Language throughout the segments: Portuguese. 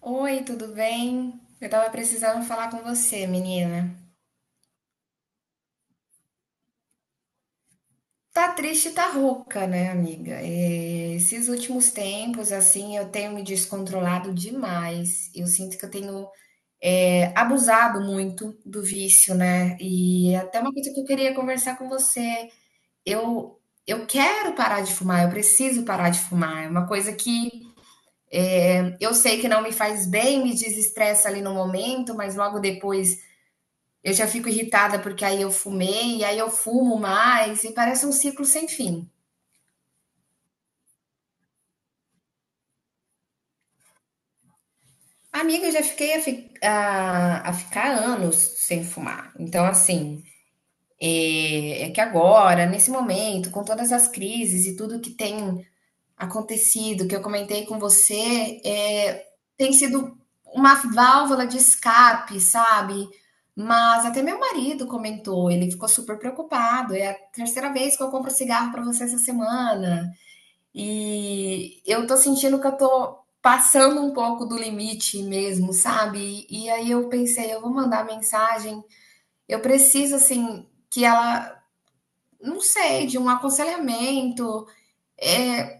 Oi, tudo bem? Eu tava precisando falar com você, menina. Tá triste, tá rouca, né, amiga? Esses últimos tempos, assim, eu tenho me descontrolado demais. Eu sinto que eu tenho, abusado muito do vício, né? E é até uma coisa que eu queria conversar com você. Eu, eu quero parar de fumar, eu preciso parar de fumar. É uma coisa que eu sei que não me faz bem, me desestressa ali no momento, mas logo depois. Eu já fico irritada porque aí eu fumei, e aí eu fumo mais, e parece um ciclo sem fim. Amiga, eu já fiquei a ficar anos sem fumar. Então, assim, é que agora, nesse momento, com todas as crises e tudo que tem acontecido, que eu comentei com você, tem sido uma válvula de escape, sabe? Mas até meu marido comentou, ele ficou super preocupado. É a terceira vez que eu compro cigarro para você essa semana. E eu tô sentindo que eu tô passando um pouco do limite mesmo, sabe? E aí eu pensei, eu vou mandar mensagem, eu preciso assim que ela, não sei, de um aconselhamento, é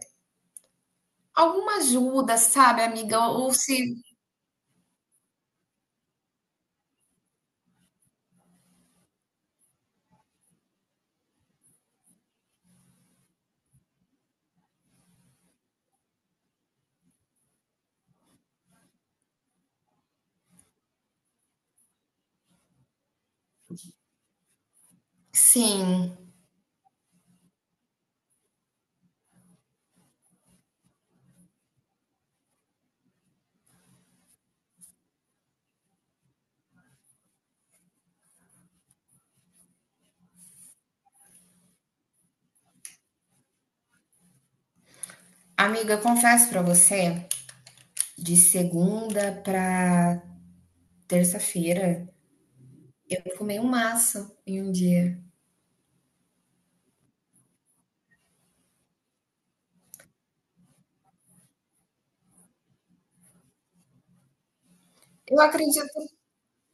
alguma ajuda, sabe, amiga? Ou se sim, amiga, eu confesso pra você, de segunda pra terça-feira, eu fumei um maço em um dia. Eu acredito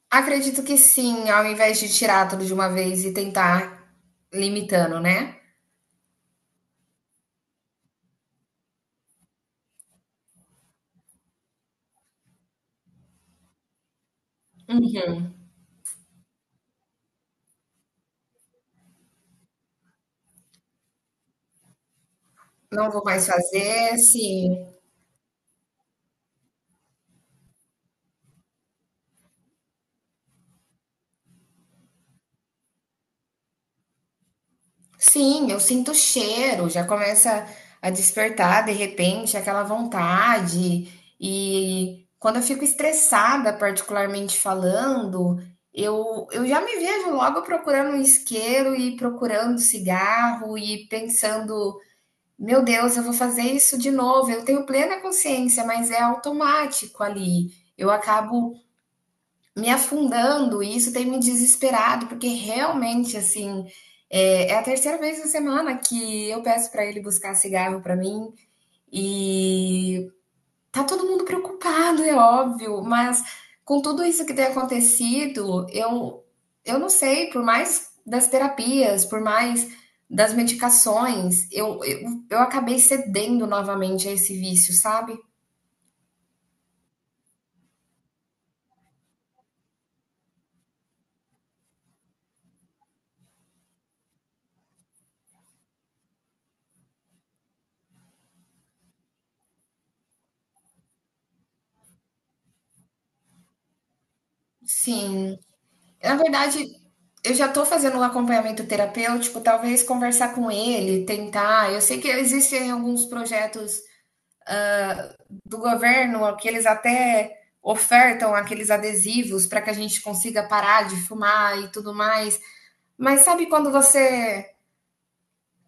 Acredito que sim, ao invés de tirar tudo de uma vez e tentar limitando, né. Não vou mais fazer, sim. Sim, eu sinto o cheiro, já começa a despertar de repente aquela vontade. E quando eu fico estressada, particularmente falando, eu já me vejo logo procurando um isqueiro e procurando cigarro e pensando meu Deus, eu vou fazer isso de novo. Eu tenho plena consciência, mas é automático ali. Eu acabo me afundando e isso tem me desesperado, porque realmente, assim, é a terceira vez na semana que eu peço para ele buscar cigarro para mim. E tá todo mundo preocupado, é óbvio, mas com tudo isso que tem acontecido, eu não sei, por mais das terapias, por mais das medicações, eu acabei cedendo novamente a esse vício, sabe? Sim. Na verdade, eu já tô fazendo um acompanhamento terapêutico, talvez conversar com ele, tentar. Eu sei que existem alguns projetos do governo, que eles até ofertam aqueles adesivos para que a gente consiga parar de fumar e tudo mais. Mas sabe quando você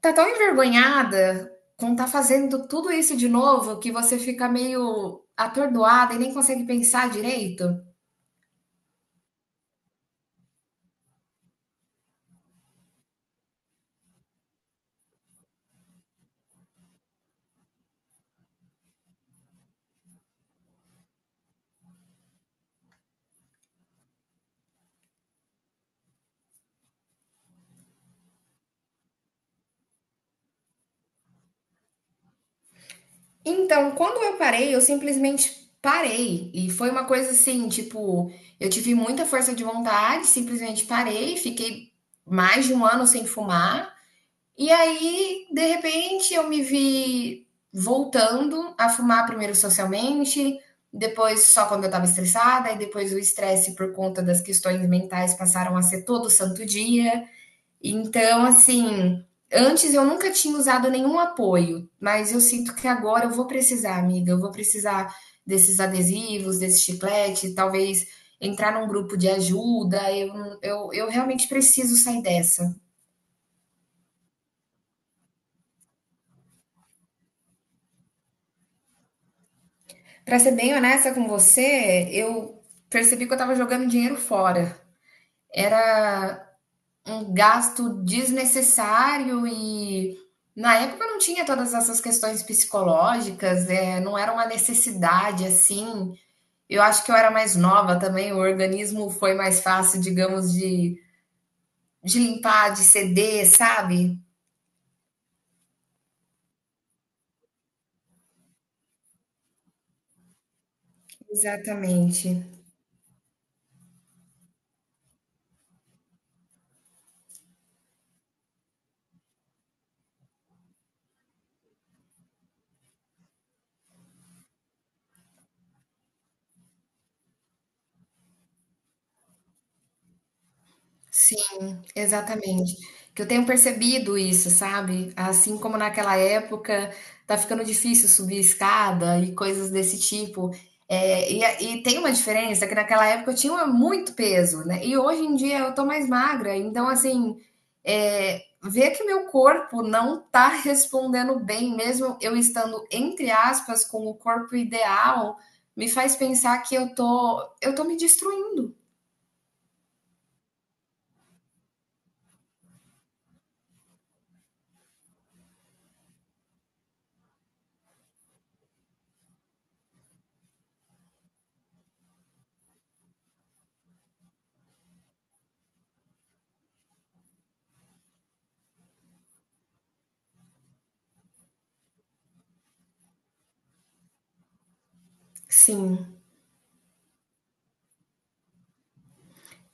tá tão envergonhada com tá fazendo tudo isso de novo que você fica meio atordoada e nem consegue pensar direito? Então, quando eu parei, eu simplesmente parei. E foi uma coisa assim, tipo, eu tive muita força de vontade, simplesmente parei, fiquei mais de um ano sem fumar. E aí, de repente, eu me vi voltando a fumar primeiro socialmente, depois só quando eu estava estressada, e depois o estresse por conta das questões mentais passaram a ser todo santo dia. Então, assim, antes eu nunca tinha usado nenhum apoio, mas eu sinto que agora eu vou precisar, amiga, eu vou precisar desses adesivos, desse chiclete, talvez entrar num grupo de ajuda. Eu realmente preciso sair dessa. Pra ser bem honesta com você, eu percebi que eu tava jogando dinheiro fora. Era um gasto desnecessário e na época eu não tinha todas essas questões psicológicas, não era uma necessidade assim. Eu acho que eu era mais nova também, o organismo foi mais fácil, digamos, de limpar, de ceder, sabe? Exatamente. Exatamente. Que eu tenho percebido isso, sabe? Assim como naquela época, tá ficando difícil subir escada e coisas desse tipo. E tem uma diferença que naquela época eu tinha muito peso, né? E hoje em dia eu tô mais magra, então assim, é, ver que meu corpo não tá respondendo bem, mesmo eu estando, entre aspas, com o corpo ideal, me faz pensar que eu tô me destruindo. Sim.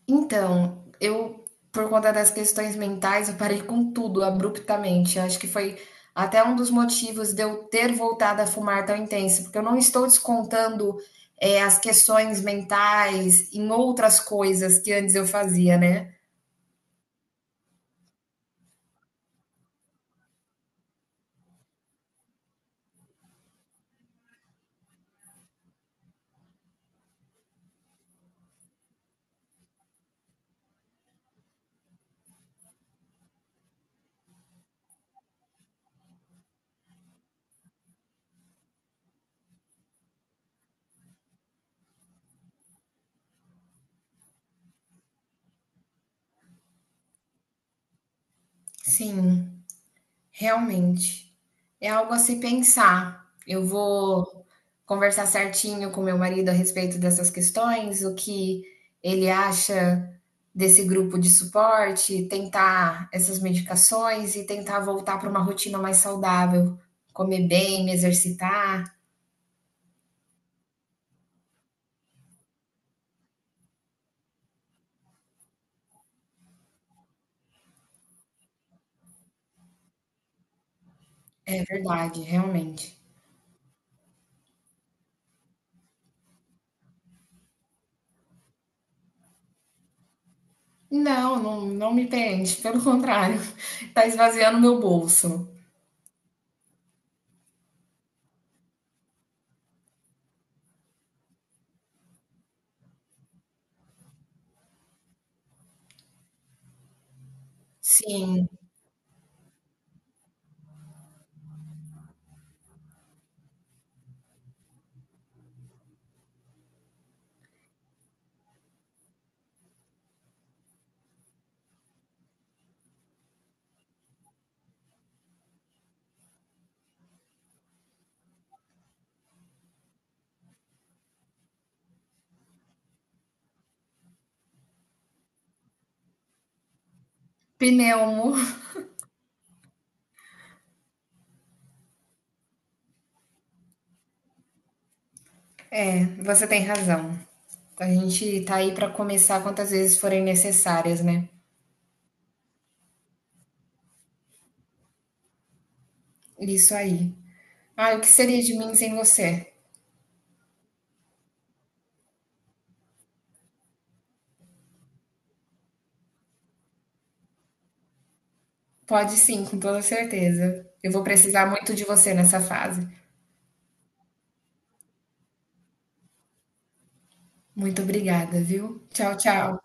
Então, eu, por conta das questões mentais, eu parei com tudo abruptamente. Eu acho que foi até um dos motivos de eu ter voltado a fumar tão intenso, porque eu não estou descontando, as questões mentais em outras coisas que antes eu fazia, né. Sim. Realmente. É algo a se pensar. Eu vou conversar certinho com meu marido a respeito dessas questões, o que ele acha desse grupo de suporte, tentar essas medicações e tentar voltar para uma rotina mais saudável, comer bem, me exercitar. É verdade, realmente. Não, não, não me preenche, pelo contrário, tá esvaziando meu bolso. Sim, pneumo. É, você tem razão. A gente tá aí pra começar quantas vezes forem necessárias, né? Isso aí. Ah, o que seria de mim sem você? Pode sim, com toda certeza. Eu vou precisar muito de você nessa fase. Muito obrigada, viu? Tchau, tchau.